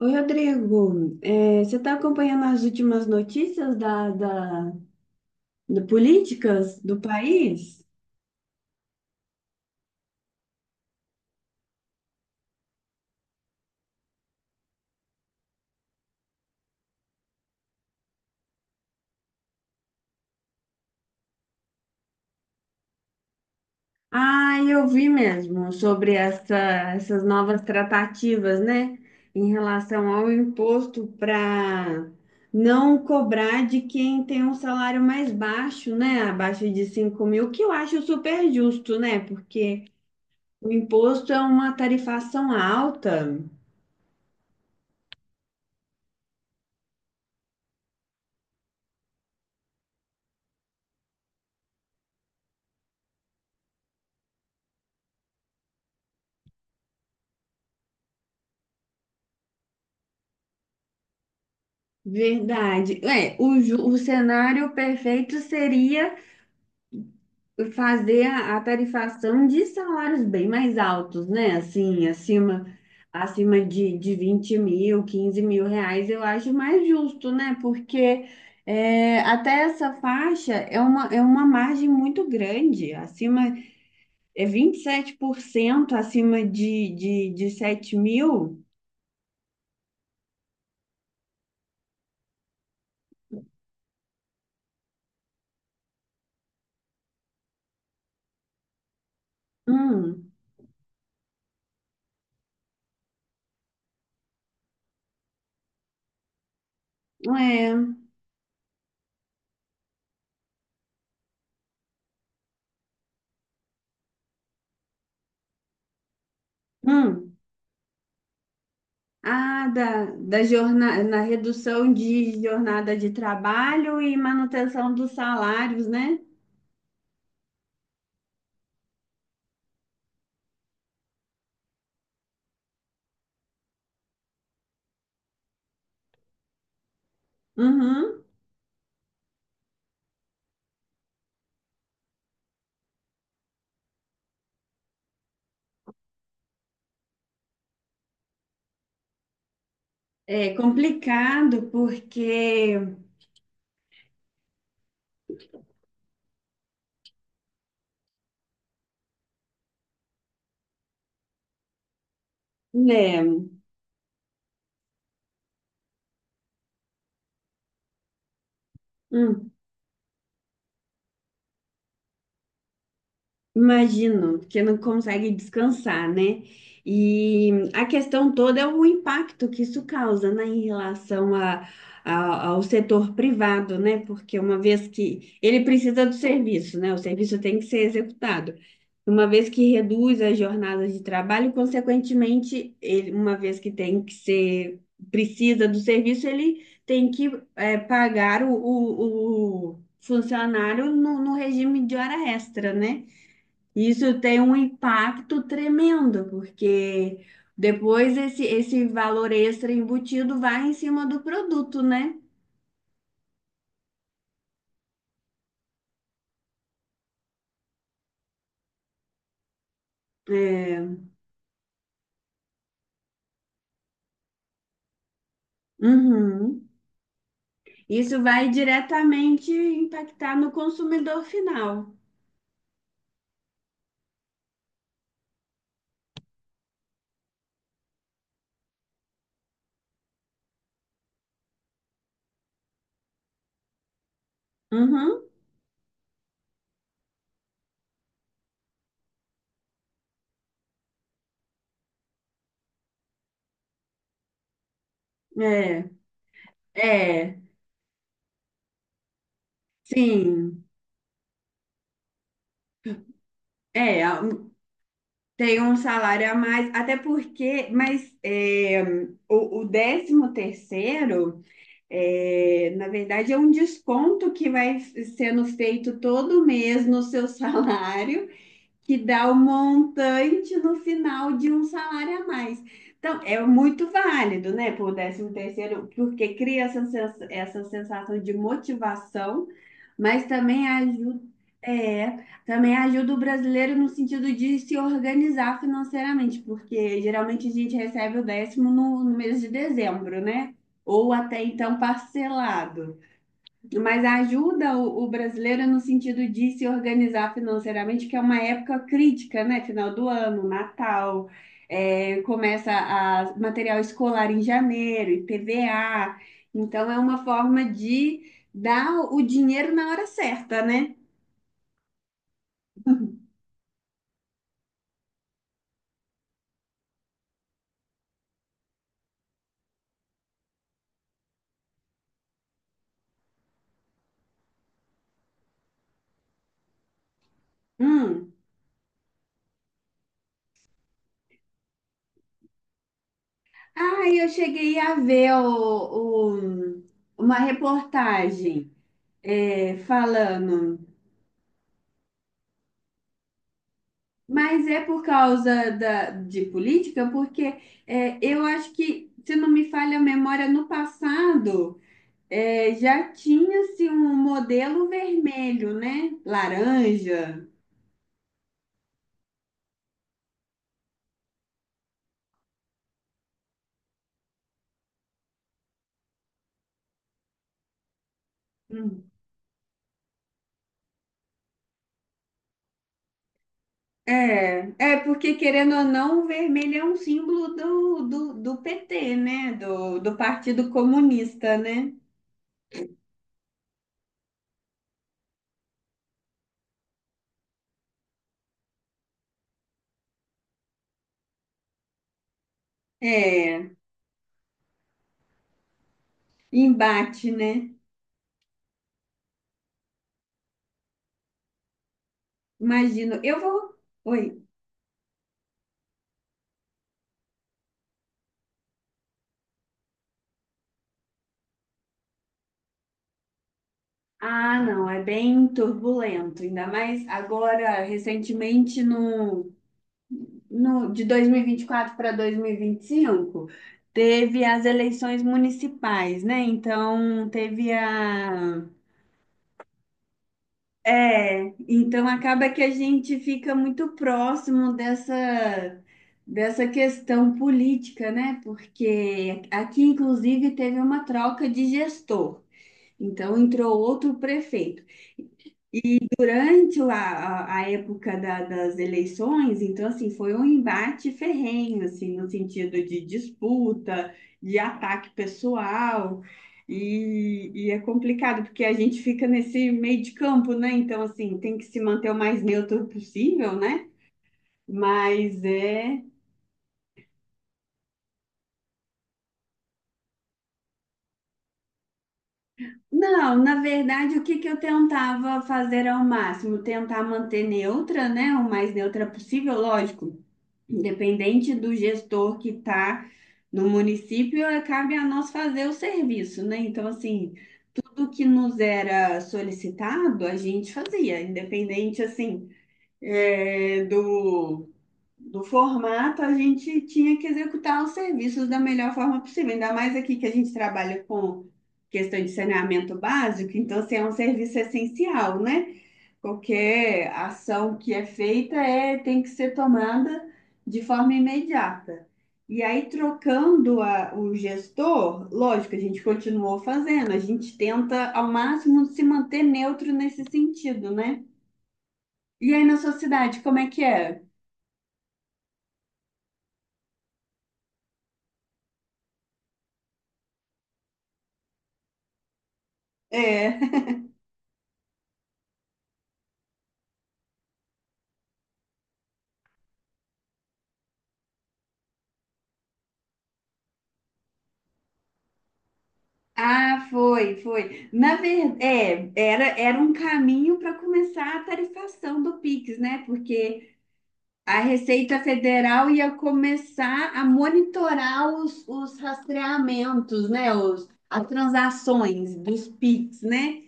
Oi, Rodrigo. Você está acompanhando as últimas notícias da, da, da políticas do país? Ah, eu vi mesmo sobre essas novas tratativas, né? Em relação ao imposto para não cobrar de quem tem um salário mais baixo, né? Abaixo de 5.000, que eu acho super justo, né? Porque o imposto é uma tarifação alta. Verdade. O cenário perfeito seria fazer a tarifação de salários bem mais altos, né? Assim, acima, acima de 20.000, 15.000 reais, eu acho mais justo, né? Porque é, até essa faixa é é uma margem muito grande, acima é 27% acima de 7 mil. Hum, é. Hum. Ah, da jornada, na redução de jornada de trabalho e manutenção dos salários, né? Uhum. É complicado, porque, né? Hum. Imagino, porque não consegue descansar, né? E a questão toda é o impacto que isso causa, né, em relação a- ao setor privado, né? Porque uma vez que ele precisa do serviço, né? O serviço tem que ser executado. Uma vez que reduz as jornadas de trabalho, consequentemente, ele, uma vez que tem que ser, precisa do serviço, ele tem que pagar o funcionário no regime de hora extra, né? Isso tem um impacto tremendo, porque depois esse valor extra embutido vai em cima do produto, né? É. Uhum. Isso vai diretamente impactar no consumidor final. Uhum. É, é, sim, é, a- tem um salário a mais, até porque, mas é, o décimo terceiro. É, na verdade, é um desconto que vai sendo feito todo mês no seu salário, que dá o montante no final de um salário a mais. Então, é muito válido, né, por décimo terceiro, porque cria essa sensação de motivação, mas também ajuda, é, também ajuda o brasileiro no sentido de se organizar financeiramente, porque geralmente a gente recebe o décimo no mês de dezembro, né? Ou até então parcelado, mas ajuda o brasileiro no sentido de se organizar financeiramente, que é uma época crítica, né? Final do ano, Natal, é, começa a material escolar em janeiro, IPVA. Então, é uma forma de dar o dinheiro na hora certa, né? Hum. Ah, eu cheguei a ver uma reportagem é, falando. Mas é por causa de política, porque é, eu acho que, se não me falha a memória, no passado é, já tinha-se um modelo vermelho, né? Laranja. Hum. É, é porque, querendo ou não, o vermelho é um símbolo do PT, né? Do Partido Comunista, né? É, embate, né? Imagino. Eu vou. Oi. Ah, não, é bem turbulento, ainda mais agora, recentemente, no, no, de 2024 para 2025, teve as eleições municipais, né? Então, teve a. É, então acaba que a gente fica muito próximo dessa questão política, né? Porque aqui, inclusive, teve uma troca de gestor, então entrou outro prefeito durante a época das eleições. Então, assim, foi um embate ferrenho, assim, no sentido de disputa, de ataque pessoal, e é complicado, porque a gente fica nesse meio de campo, né? Então, assim, tem que se manter o mais neutro possível, né? Mas é... Não, na verdade, o que que eu tentava fazer ao máximo? Tentar manter neutra, né? O mais neutra possível, lógico. Independente do gestor que está no município, eh, cabe a nós fazer o serviço, né? Então, assim, tudo que nos era solicitado, a gente fazia, independente, assim, eh, do, do formato. A gente tinha que executar os serviços da melhor forma possível, ainda mais aqui que a gente trabalha com questão de saneamento básico. Então, assim, é um serviço essencial, né? Qualquer ação que é feita é, tem que ser tomada de forma imediata. E aí, trocando o gestor, lógico, a gente continuou fazendo, a gente tenta ao máximo se manter neutro nesse sentido, né? E aí, na sua cidade, como é que é? É. Ah, foi, foi. Na verdade, era um caminho para começar a tarifação do Pix, né? Porque a Receita Federal ia começar a monitorar os rastreamentos, né? As transações dos PIX, né?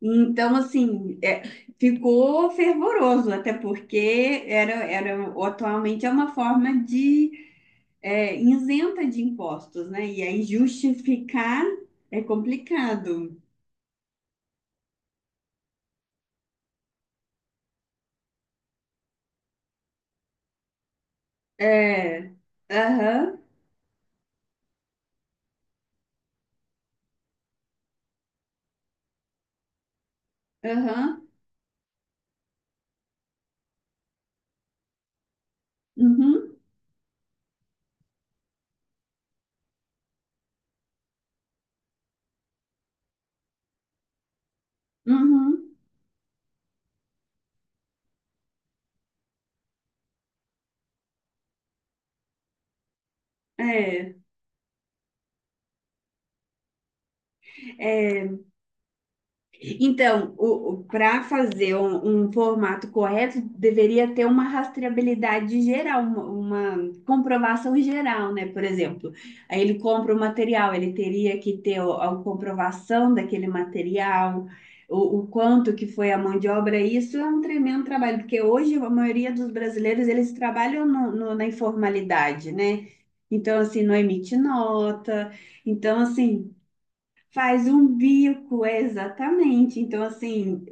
Então, assim, é, ficou fervoroso, até porque era atualmente é uma forma de é, isenta de impostos, né? E aí justificar é complicado. É, aham, aham, uhum, uhum, é, é. Então, para fazer um formato correto, deveria ter uma rastreabilidade geral, uma comprovação geral, né? Por exemplo, aí ele compra o material, ele teria que ter a comprovação daquele material, o quanto que foi a mão de obra. Isso é um tremendo trabalho, porque hoje a maioria dos brasileiros, eles trabalham na informalidade, né? Então, assim, não emite nota. Então, assim, faz um bico, é, exatamente. Então, assim,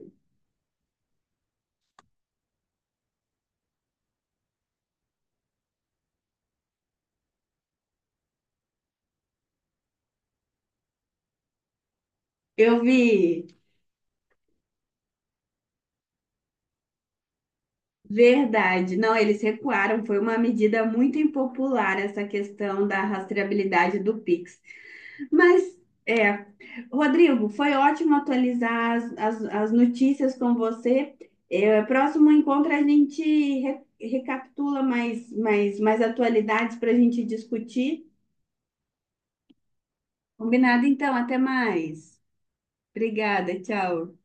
eu vi, verdade. Não, eles recuaram. Foi uma medida muito impopular essa questão da rastreabilidade do Pix. Mas, é, Rodrigo, foi ótimo atualizar as notícias com você. É, próximo encontro a gente recapitula mais, mais, mais atualidades para a gente discutir. Combinado, então. Até mais. Obrigada, tchau.